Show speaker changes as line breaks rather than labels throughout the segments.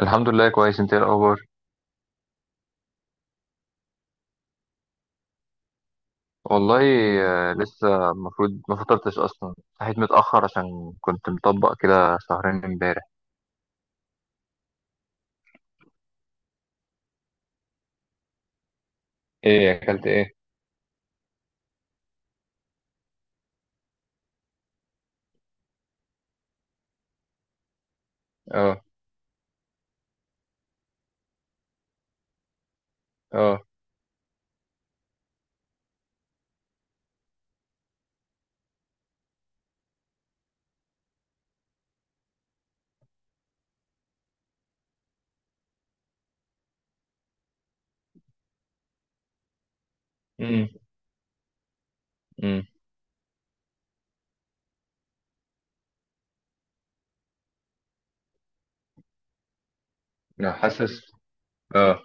الحمد لله، كويس. انت ايه الاخبار؟ والله. آه، لسه المفروض ما فطرتش اصلا. صحيت متاخر عشان كنت مطبق كده شهرين امبارح. ايه اكلت ايه؟ اه. اه. امم. امم. لا، حاسس. اه.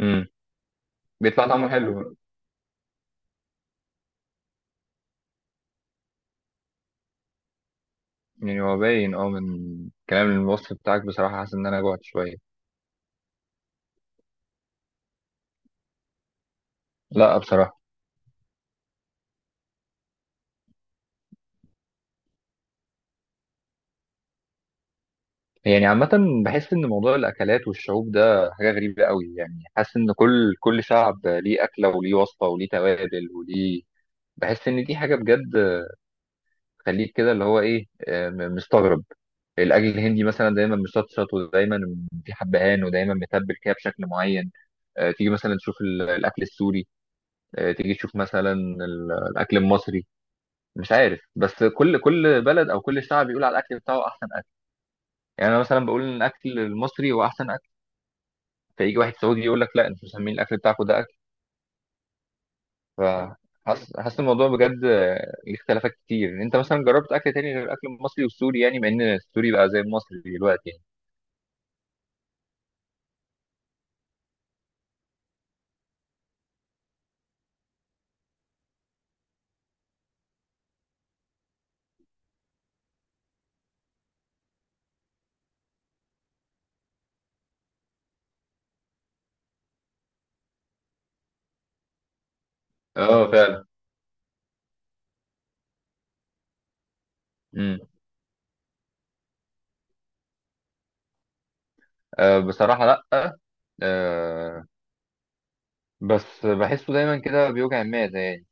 امم. بيطلع طعمه حلو؟ يعني هو باين من كلام الوصف بتاعك. بصراحه حاسس ان انا جوعت شويه. لا بصراحه. يعني عامة، بحس إن موضوع الأكلات والشعوب ده حاجة غريبة قوي. يعني حاسس إن كل شعب ليه أكلة وليه وصفة وليه توابل وليه. بحس ان دي حاجه بجد تخليك كده اللي هو ايه، مستغرب. الاكل الهندي مثلا دايما مشطشط ودايما في حبهان ودايما متبل كده بشكل معين. تيجي مثلا تشوف الاكل السوري. تيجي تشوف مثلا الاكل المصري. مش عارف، بس كل بلد او كل شعب بيقول على الاكل بتاعه احسن اكل. يعني انا مثلا بقول ان الاكل المصري هو احسن اكل، فيجي واحد سعودي يقول لك لا، انتوا مسمين الاكل بتاعكم ده اكل؟ فحاسس، حاسس الموضوع بجد ليه اختلافات كتير. انت مثلا جربت اكل تاني غير الاكل المصري والسوري؟ يعني مع ان السوري بقى زي المصري دلوقتي. اه فعلا. امم. آه، بصراحة لأ. آه. بس بحسه دايما كده بيوجع المعدة يعني.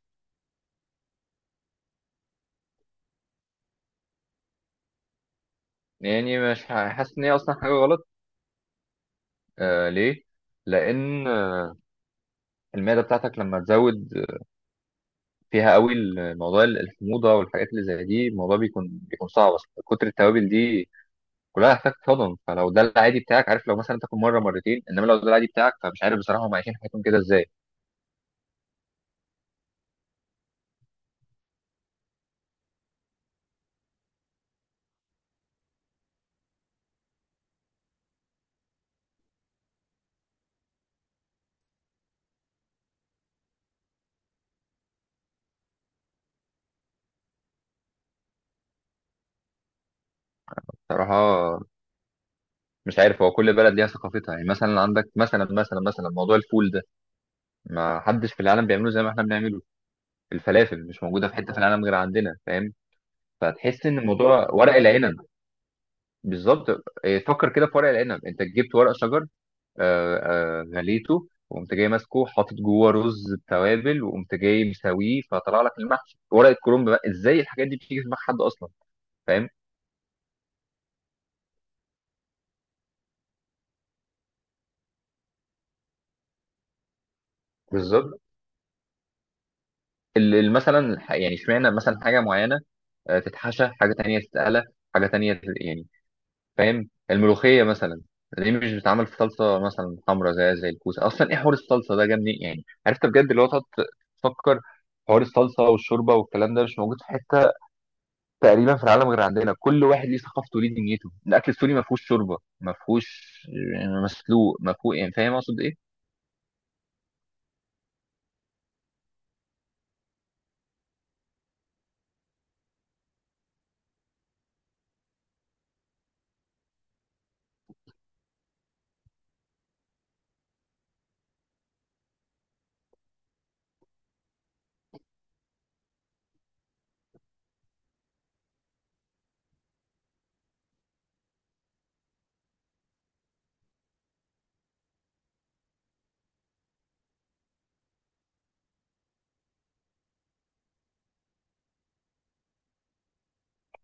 يعني مش حاسس إن هي أصلا حاجة غلط. آه، ليه؟ لأن المعدة بتاعتك لما تزود فيها قوي الموضوع الحموضة والحاجات اللي زي دي، الموضوع بيكون، صعب أصلا. كتر التوابل دي كلها هتحتاج تهضم، فلو ده العادي بتاعك، عارف، لو مثلا تاكل مرة مرتين، إنما لو ده العادي بتاعك فمش عارف بصراحة هم عايشين حياتهم كده إزاي. بصراحة مش عارف، هو كل بلد ليها ثقافتها. يعني مثلا عندك مثلا موضوع الفول ده ما حدش في العالم بيعمله زي ما احنا بنعمله. الفلافل مش موجوده في حته في العالم غير عندنا، فاهم؟ فتحس ان الموضوع ورق العنب، بالظبط. فكر كده في ورق العنب. انت جبت ورق شجر، آه، غليته، وقمت جاي ماسكه، حاطط جوه رز بتوابل، وقمت جاي مسويه، فطلع لك المحشي ورقه كرنب. بقى ازاي الحاجات دي بتيجي في دماغ حد اصلا، فاهم؟ بالظبط. مثلا يعني اشمعنى مثلا حاجه معينه تتحشى حاجه تانية، تتقلى حاجه تانية يعني، فاهم؟ الملوخيه مثلا، ليه مش بتتعمل في صلصه مثلا حمرا زي الكوسه اصلا؟ ايه حوار الصلصه ده جاب منين؟ يعني، عرفت بجد اللي هو تقعد تفكر. حوار الصلصه والشوربه والكلام ده مش موجود في حته تقريبا في العالم غير عندنا. كل واحد ليه ثقافته وليه دنيته. الاكل السوري ما فيهوش شوربه، ما فيهوش يعني مسلوق، ما فيهوش، يعني فاهم اقصد ايه؟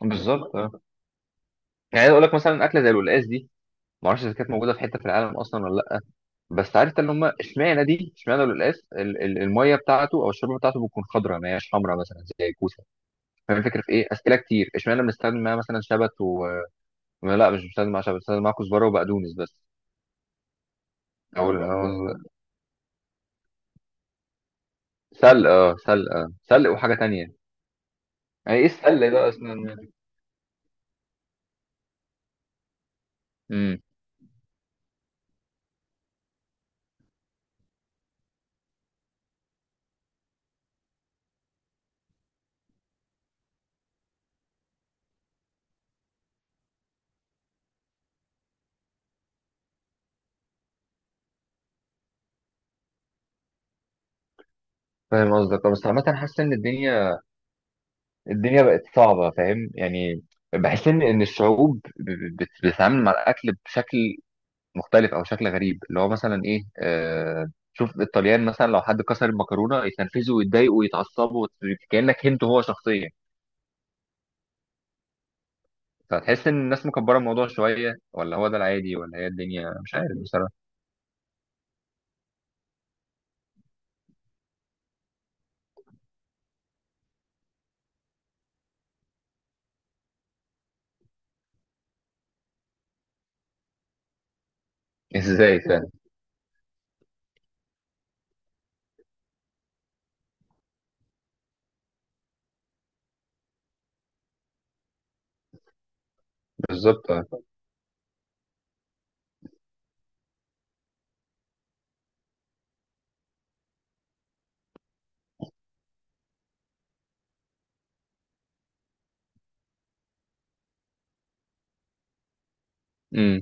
بالظبط اه. يعني عايز اقول لك مثلا اكله زي القلقاس دي، ما اعرفش اذا كانت موجوده في حته في العالم اصلا ولا لا. بس عرفت ان هم اشمعنى دي، اشمعنى القلقاس الميه بتاعته او الشوربه بتاعته بتكون خضراء، ما هياش حمراء مثلا زي الكوسه. فاهم الفكره في ايه؟ اسئله كتير. اشمعنى بنستخدم معاها مثلا شبت و... لا، مش بنستخدم معاها شبت، بنستخدم معاها كزبره وبقدونس بس. او أو- سلق. اه سلق. سلق وحاجه تانية. يعني ايه السلق ده اصلا يعني؟ امم. فاهم قصدك. بس عامه حاسس ان الدنيا، الدنيا بقت صعبه، فاهم يعني. بحس ان الشعوب بتتعامل مع الاكل بشكل مختلف او شكل غريب. اللي هو مثلا ايه، شوف الطليان مثلا، لو حد كسر المكرونه يتنرفزوا ويتضايقوا ويتعصبوا كانك هنت هو شخصيا. فتحس ان الناس مكبره الموضوع شويه، ولا هو ده العادي، ولا هي الدنيا، مش عارف بصراحه. ازاي فعلا. بالظبط. امم.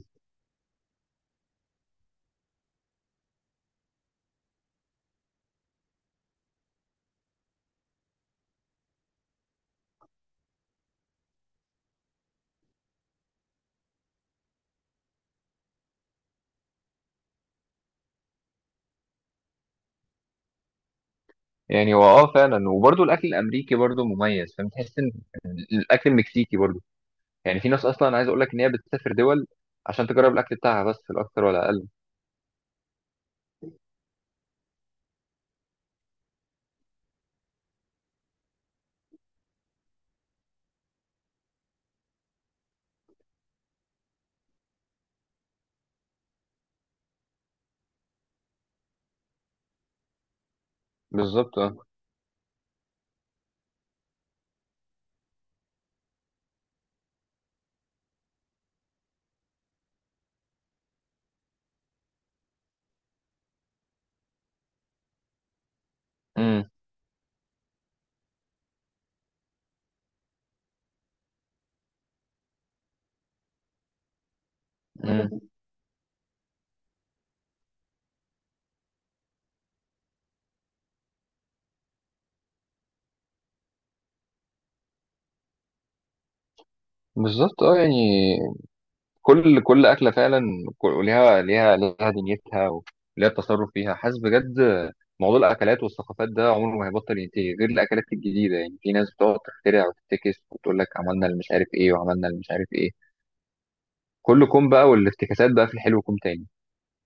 يعني هو اه فعلا. وبرضه الاكل الامريكي برضه مميز، فاهم؟ تحس ان الاكل المكسيكي برضه، يعني في ناس اصلا، عايز اقول لك ان هي بتسافر دول عشان تجرب الاكل بتاعها بس في الاكتر ولا اقل. بالظبط اه. امم. أمم. بالظبط اه. يعني كل أكلة فعلا، ليها، دنيتها، وليها التصرف فيها. حاسس بجد موضوع الأكلات والثقافات ده عمره ما هيبطل ينتهي غير الأكلات الجديدة. يعني في ناس بتقعد تخترع وتفتكس وتقول لك عملنا اللي مش عارف إيه، وعملنا اللي مش عارف إيه. كل كوم بقى، والافتكاسات بقى في الحلو كوم تاني.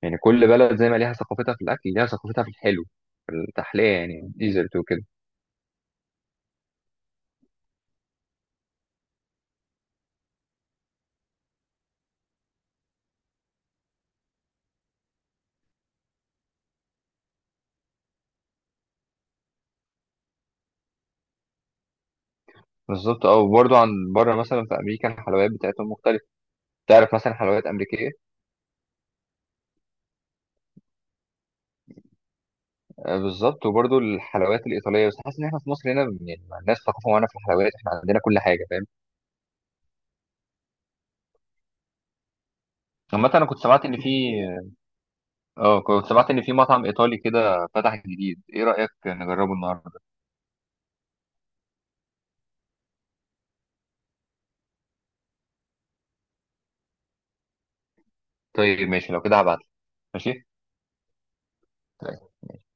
يعني كل بلد زي ما ليها ثقافتها في الأكل، ليها ثقافتها في الحلو، في التحلية، يعني ديزرت وكده. بالظبط اه. وبرضه عن بره مثلا في أمريكا الحلويات بتاعتهم مختلفة. تعرف مثلا حلويات أمريكية؟ آه، بالظبط. وبرضه الحلويات الايطاليه. بس حاسس ان احنا في مصر هنا يعني ما عندناش ثقافه معانا في الحلويات، احنا عندنا كل حاجه، فاهم؟ عامه انا كنت سمعت ان في... كنت سمعت ان في مطعم ايطالي كده فتح جديد. ايه رايك نجربه النهارده؟ طيب ماشي، لو كده هبعت. ماشي. طيب.